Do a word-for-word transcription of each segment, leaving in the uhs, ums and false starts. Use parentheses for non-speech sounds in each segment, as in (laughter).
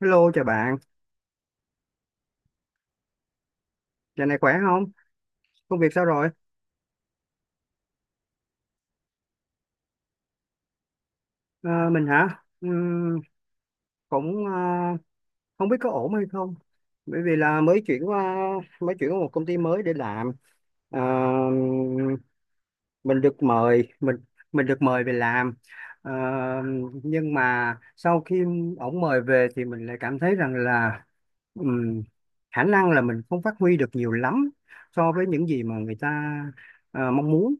Hello chào bạn, giờ này khỏe không? Công việc sao rồi? Ờ, mình hả? Ừm, cũng ờ, không biết có ổn hay không. Bởi vì là mới chuyển qua mới chuyển qua một công ty mới để làm. Ờ, mình được mời mình mình được mời về làm. Ờ, nhưng mà sau khi ổng mời về thì mình lại cảm thấy rằng là ừm, khả năng là mình không phát huy được nhiều lắm so với những gì mà người ta ờ, mong muốn.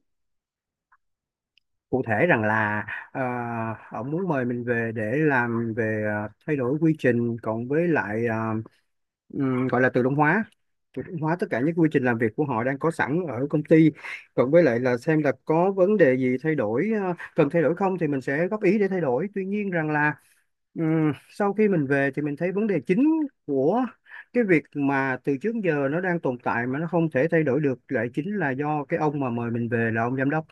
Cụ thể rằng là uh, ông muốn mời mình về để làm về ờ, thay đổi quy trình, cộng với lại ờ, ừm, gọi là tự động hóa, tự động hóa tất cả những quy trình làm việc của họ đang có sẵn ở công ty, cộng với lại là xem là có vấn đề gì thay đổi, ờ, cần thay đổi không thì mình sẽ góp ý để thay đổi. Tuy nhiên rằng là ừm, sau khi mình về thì mình thấy vấn đề chính của cái việc mà từ trước giờ nó đang tồn tại mà nó không thể thay đổi được lại chính là do cái ông mà mời mình về, là ông giám đốc.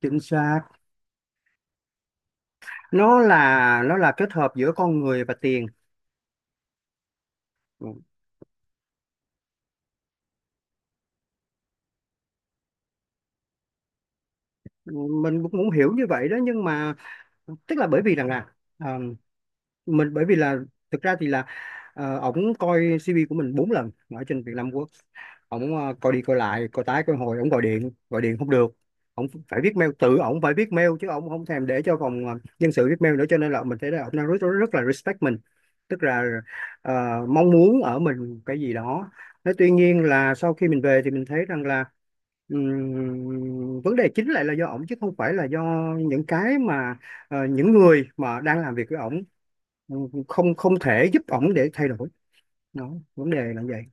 Chính xác, nó là nó là kết hợp giữa con người và tiền. Ừ. mình cũng cũng hiểu như vậy đó, nhưng mà tức là bởi vì rằng là ờ, mình bởi vì là, thực ra thì là uh, ổng coi xi vi của mình bốn lần ở trên Vietnam Works. Ổng ờ, coi đi coi lại coi tái coi hồi, ổng gọi điện gọi điện không được, ổng phải viết mail, tự ổng phải viết mail, chứ ổng không thèm để cho phòng ờ, nhân sự viết mail nữa, cho nên là mình thấy là ổng đang rất, rất, rất là respect mình, tức là ờ, mong muốn ở mình cái gì đó. Thế tuy nhiên là sau khi mình về thì mình thấy rằng là Ừm, vấn đề chính lại là do ổng, chứ không phải là do những cái mà ờ, những người mà đang làm việc với ổng ừm, không không thể giúp ổng để thay đổi. Đó, vấn đề là vậy.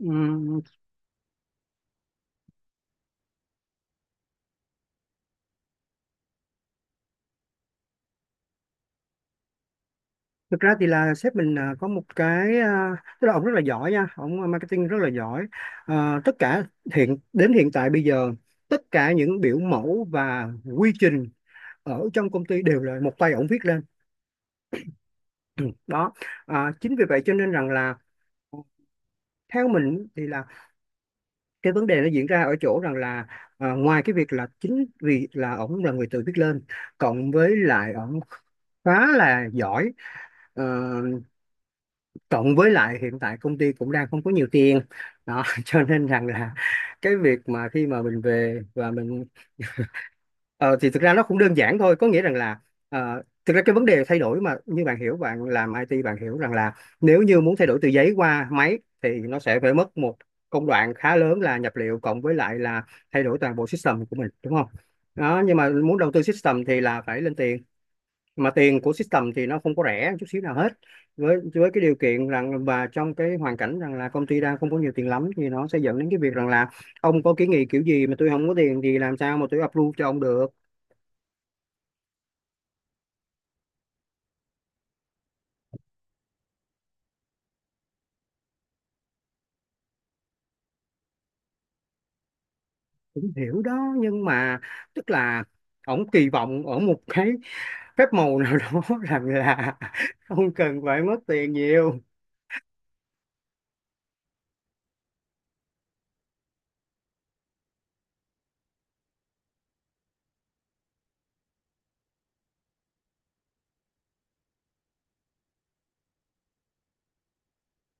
Ừm, thực ra thì là sếp mình à, có một cái, à, tức là ổng rất là giỏi nha, ổng marketing rất là giỏi. Ờ, tất cả hiện đến hiện tại bây giờ, tất cả những biểu mẫu và quy trình ở trong công ty đều là một tay ổng viết lên. (clears throat) Đó, à, chính vì vậy cho nên rằng là theo mình thì là cái vấn đề nó diễn ra ở chỗ rằng là ờ, ngoài cái việc là chính vì là ổng là người tự viết lên, cộng với lại ổng khá là giỏi, ờ, cộng với lại hiện tại công ty cũng đang không có nhiều tiền đó, (laughs) cho nên rằng là cái việc mà khi mà mình về và mình, Ờ, thì thực ra nó cũng đơn giản thôi, có nghĩa rằng là ờ, thực ra cái vấn đề thay đổi mà, như bạn hiểu, bạn làm i tê bạn hiểu rằng là nếu như muốn thay đổi từ giấy qua máy thì nó sẽ phải mất một công đoạn khá lớn là nhập liệu, cộng với lại là thay đổi toàn bộ system của mình, đúng không? Đó, nhưng mà muốn đầu tư system thì là phải lên tiền, mà tiền của system thì nó không có rẻ chút xíu nào hết. Với với cái điều kiện rằng và trong cái hoàn cảnh rằng là công ty đang không có nhiều tiền lắm, thì nó sẽ dẫn đến cái việc rằng là ông có kiến nghị kiểu gì mà tôi không có tiền thì làm sao mà tôi approve cho ông được. Cũng hiểu đó nhưng mà tức là ổng kỳ vọng ở một cái phép màu nào đó (laughs) rằng là không cần phải mất tiền nhiều.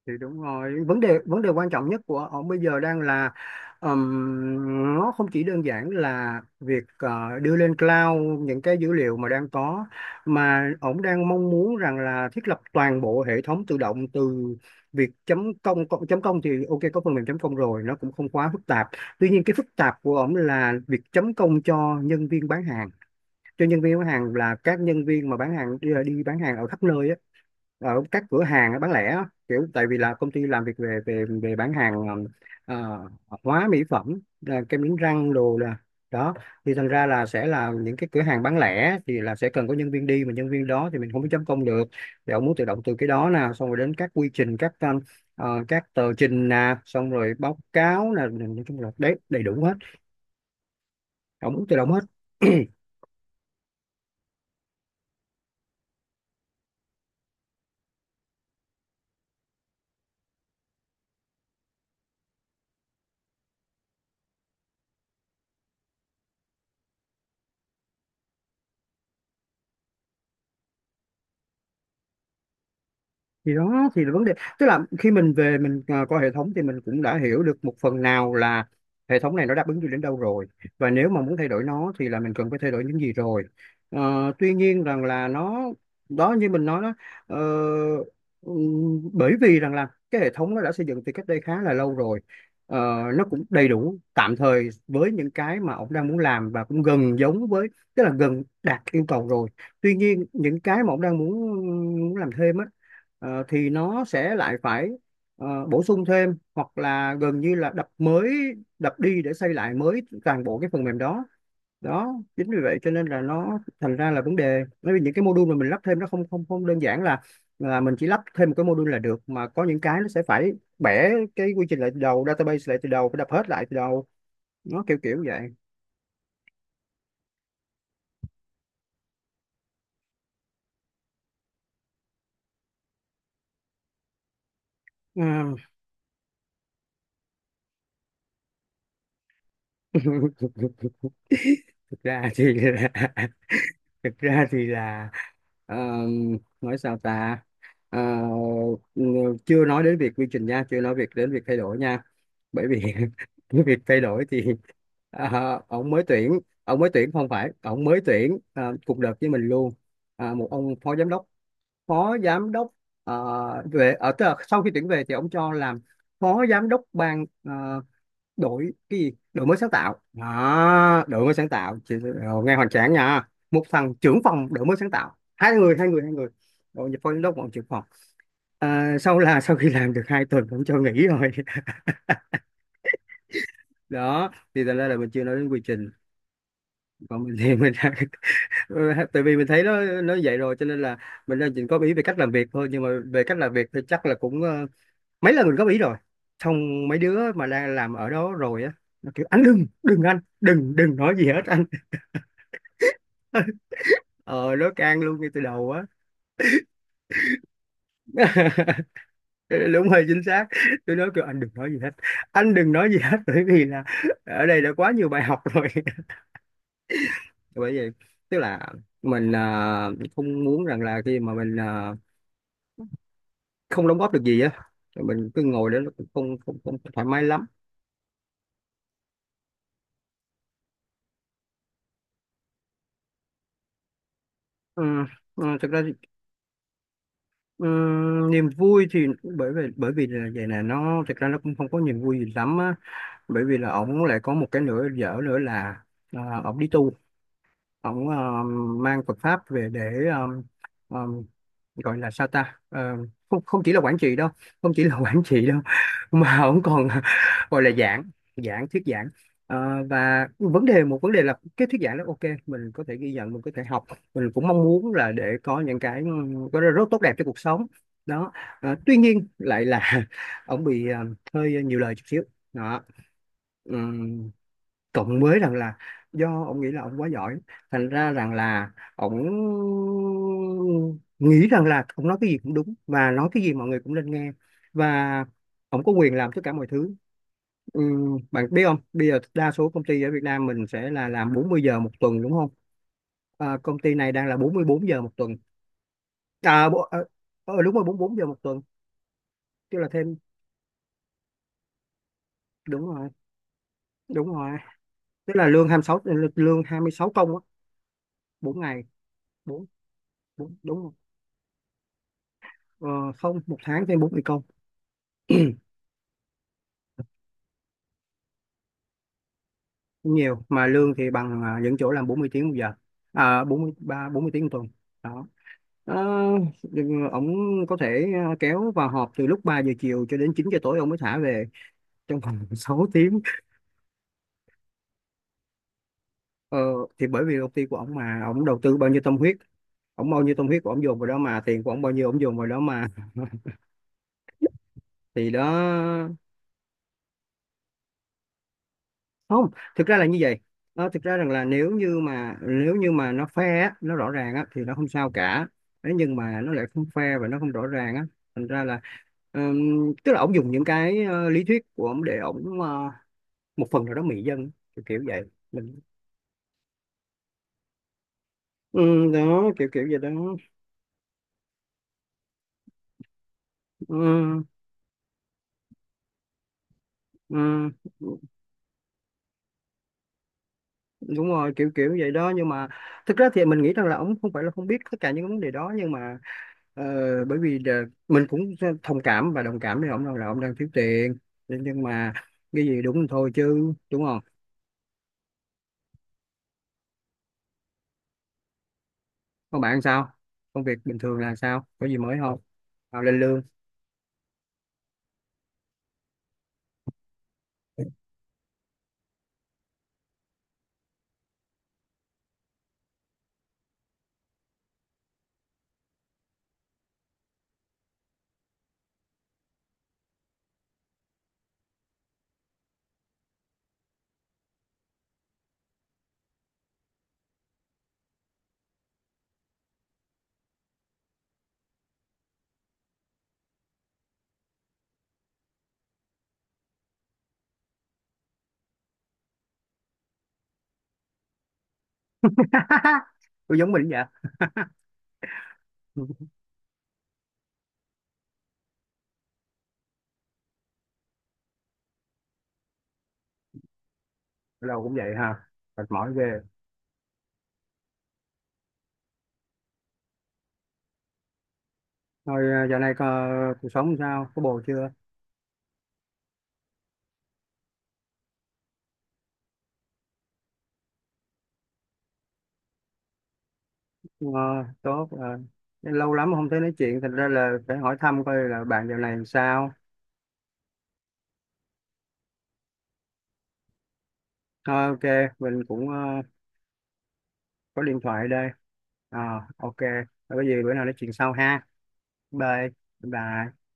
Thì đúng rồi, vấn đề vấn đề quan trọng nhất của ông bây giờ đang là ừm, nó không chỉ đơn giản là việc ờ, đưa lên cloud những cái dữ liệu mà đang có, mà ông đang mong muốn rằng là thiết lập toàn bộ hệ thống tự động, từ việc chấm công công- chấm công thì ok, có phần mềm chấm công rồi, nó cũng không quá phức tạp. Tuy nhiên cái phức tạp của ông là việc chấm công cho nhân viên bán hàng. Cho nhân viên bán hàng là các nhân viên mà bán hàng đi, đi bán hàng ở khắp nơi á, ở các cửa hàng bán lẻ á, kiểu tại vì là công ty làm việc về về về bán hàng, ờm, ờ, hóa mỹ phẩm, là kem đánh răng đồ, là đó. Thì thành ra là sẽ là những cái cửa hàng bán lẻ thì là sẽ cần có nhân viên đi, mà nhân viên đó thì mình không có chấm công được. Thì ông muốn tự động từ cái đó nè, xong rồi đến các quy trình, các ờ, ờ, các tờ trình nè, xong rồi báo cáo nè, nói chung là đấy, đầy đủ hết, ông muốn tự động hết. (clears throat) Thì đó thì là vấn đề. Tức là khi mình về mình à, coi hệ thống thì mình cũng đã hiểu được một phần nào là hệ thống này nó đáp ứng được đến đâu rồi, và nếu mà muốn thay đổi nó thì là mình cần phải thay đổi những gì rồi. Ờ, tuy nhiên rằng là nó, đó như mình nói đó, ờ, ừm, bởi vì rằng là cái hệ thống nó đã xây dựng từ cách đây khá là lâu rồi. Ờ, nó cũng đầy đủ tạm thời với những cái mà ông đang muốn làm và cũng gần giống với, tức là gần đạt yêu cầu rồi. Tuy nhiên những cái mà ông đang muốn muốn làm thêm á, ờ, thì nó sẽ lại phải ờ, bổ sung thêm, hoặc là gần như là đập mới, đập đi để xây lại mới toàn bộ cái phần mềm đó. Đó, chính vì vậy cho nên là nó thành ra là vấn đề, bởi vì những cái module mà mình lắp thêm, nó không không không đơn giản là là mình chỉ lắp thêm một cái module là được, mà có những cái nó sẽ phải bẻ cái quy trình lại từ đầu, database lại từ đầu, phải đập hết lại từ đầu. Nó kiểu kiểu vậy. Ừ. (laughs) thực ra thì (laughs) thực ra thì là ờ, nói sao ta. Ờ, ng- chưa nói đến việc quy trình nha, chưa nói việc đến việc thay đổi nha, bởi vì (laughs) cái việc thay đổi thì ờ, ông mới tuyển ông mới tuyển, không phải, ông mới tuyển ờ, cùng đợt với mình luôn. Ờ, một ông phó giám đốc, phó giám đốc ờ, về ở, tức là sau khi tuyển về thì ông cho làm phó giám đốc ban ờ, đổi cái gì đổi mới sáng tạo đó, đổi mới sáng tạo Chị, rồi, nghe hoành tráng nha, một thằng trưởng phòng đổi mới sáng tạo, hai người hai người hai người, rồi nhập phó giám đốc bọn trưởng phòng. à, sau là sau khi làm được hai tuần cũng cho nghỉ rồi. (laughs) Đó thì thành ra là mình chưa nói đến quy trình. Còn mình thì mình đã, (laughs) tại vì mình thấy nó nó vậy rồi, cho nên là mình đang chỉ góp ý về cách làm việc thôi, nhưng mà về cách làm việc thì chắc là cũng ờ, mấy lần mình góp ý rồi, xong mấy đứa mà đang làm ở đó rồi á, nó kiểu, anh đừng đừng anh đừng đừng nói gì hết anh. (laughs) ờ nói can luôn ngay từ đầu á. (laughs) Đúng, hơi chính xác. Tôi nói kêu anh đừng nói gì hết, anh đừng nói gì hết bởi vì là ở đây đã quá nhiều bài học rồi. (laughs) Bởi vậy tức là mình à, không muốn rằng là khi mà mình à, không đóng góp được gì á rồi mình cứ ngồi đó, nó cũng không không không thoải mái lắm. Ừ, ừ, thực ra thì, ừ, niềm vui thì bởi vì bởi vì là vậy nè, nó thực ra nó cũng không có niềm vui gì lắm á. Bởi vì là ổng lại có một cái nữa dở nữa là à, ổng đi tu. Ông um, mang Phật pháp về để um, um, gọi là sao ta. Um, không không chỉ là quản trị đâu, không chỉ là (laughs) quản trị đâu, (laughs) mà ông còn (laughs) gọi là giảng, giảng thuyết giảng. Ờ, và vấn đề một vấn đề là cái thuyết giảng đó, ok mình có thể ghi nhận, mình có thể học, mình cũng mong muốn là để có những cái um, có rất tốt đẹp cho cuộc sống đó. Ờ, tuy nhiên lại là (laughs) ông bị um, hơi nhiều lời chút xíu đó. Ừ, cộng với rằng là do ông nghĩ là ông quá giỏi, thành ra rằng là ông nghĩ rằng là ông nói cái gì cũng đúng và nói cái gì mọi người cũng nên nghe, và ông có quyền làm tất cả mọi thứ. Ừm, bạn biết không, bây giờ đa số công ty ở Việt Nam mình sẽ là làm bốn mươi giờ một tuần đúng không? à, công ty này đang là bốn mươi bốn giờ một tuần, à, bộ, ờ, ờ, đúng rồi, bốn mươi bốn giờ một tuần, tức là thêm. Đúng rồi, đúng rồi, tức là lương hai mươi sáu lương hai mươi sáu công á, bốn ngày, bốn, bốn, đúng rồi. Ờ, không, một tháng thêm bốn mươi công, không nhiều. Mà lương thì bằng à, những chỗ làm bốn mươi tiếng một giờ. À, bốn mươi ba bốn mươi tiếng một tuần. Đó. Ờ, nhưng ông có thể à, kéo vào họp từ lúc ba giờ chiều cho đến chín giờ tối ông mới thả về, trong vòng (laughs) sáu tiếng. Ờ, thì bởi vì công ty của ông mà, ông đầu tư bao nhiêu tâm huyết, ông bao nhiêu tâm huyết của ông dồn vào đó mà, tiền của ông bao nhiêu ông dồn vào đó mà. (laughs) Thì đó. Không, thực ra là như vậy. Ờ, thực ra rằng là nếu như mà nếu như mà nó fair á, nó rõ ràng á, thì nó không sao cả. Thế nhưng mà nó lại không fair và nó không rõ ràng á, thành ra là ừm, tức là ổng dùng những cái ờ, lý thuyết của ổng để ổng ờ, một phần nào đó mị dân, kiểu, kiểu vậy. Mình, ừ, đó kiểu kiểu vậy đó. Ừ, ừ, đúng rồi, kiểu kiểu vậy đó, nhưng mà thực ra thì mình nghĩ rằng là ổng không phải là không biết tất cả những cái vấn đề đó, nhưng mà Ờ, bởi vì là mình cũng thông cảm và đồng cảm với ông, đâu là ông đang thiếu tiền, nhưng nhưng mà cái gì đúng thì thôi chứ, đúng không? Còn bạn sao, công việc bình thường, là sao có gì mới không, nào lên lương. (laughs) Tôi giống mình vậy. Ở đâu cũng vậy ha, mệt mỏi ghê. Thôi, ờ, dạo này có, cuộc sống sao, có bồ chưa. Ờ, tốt ờ. Lâu lắm không thấy nói chuyện, thành ra là phải hỏi thăm coi là bạn dạo này sao. Ờ, ok, mình cũng ờ, có điện thoại đây, à, ok. Rồi, có gì bữa nào nói chuyện sau ha. Bye, bye.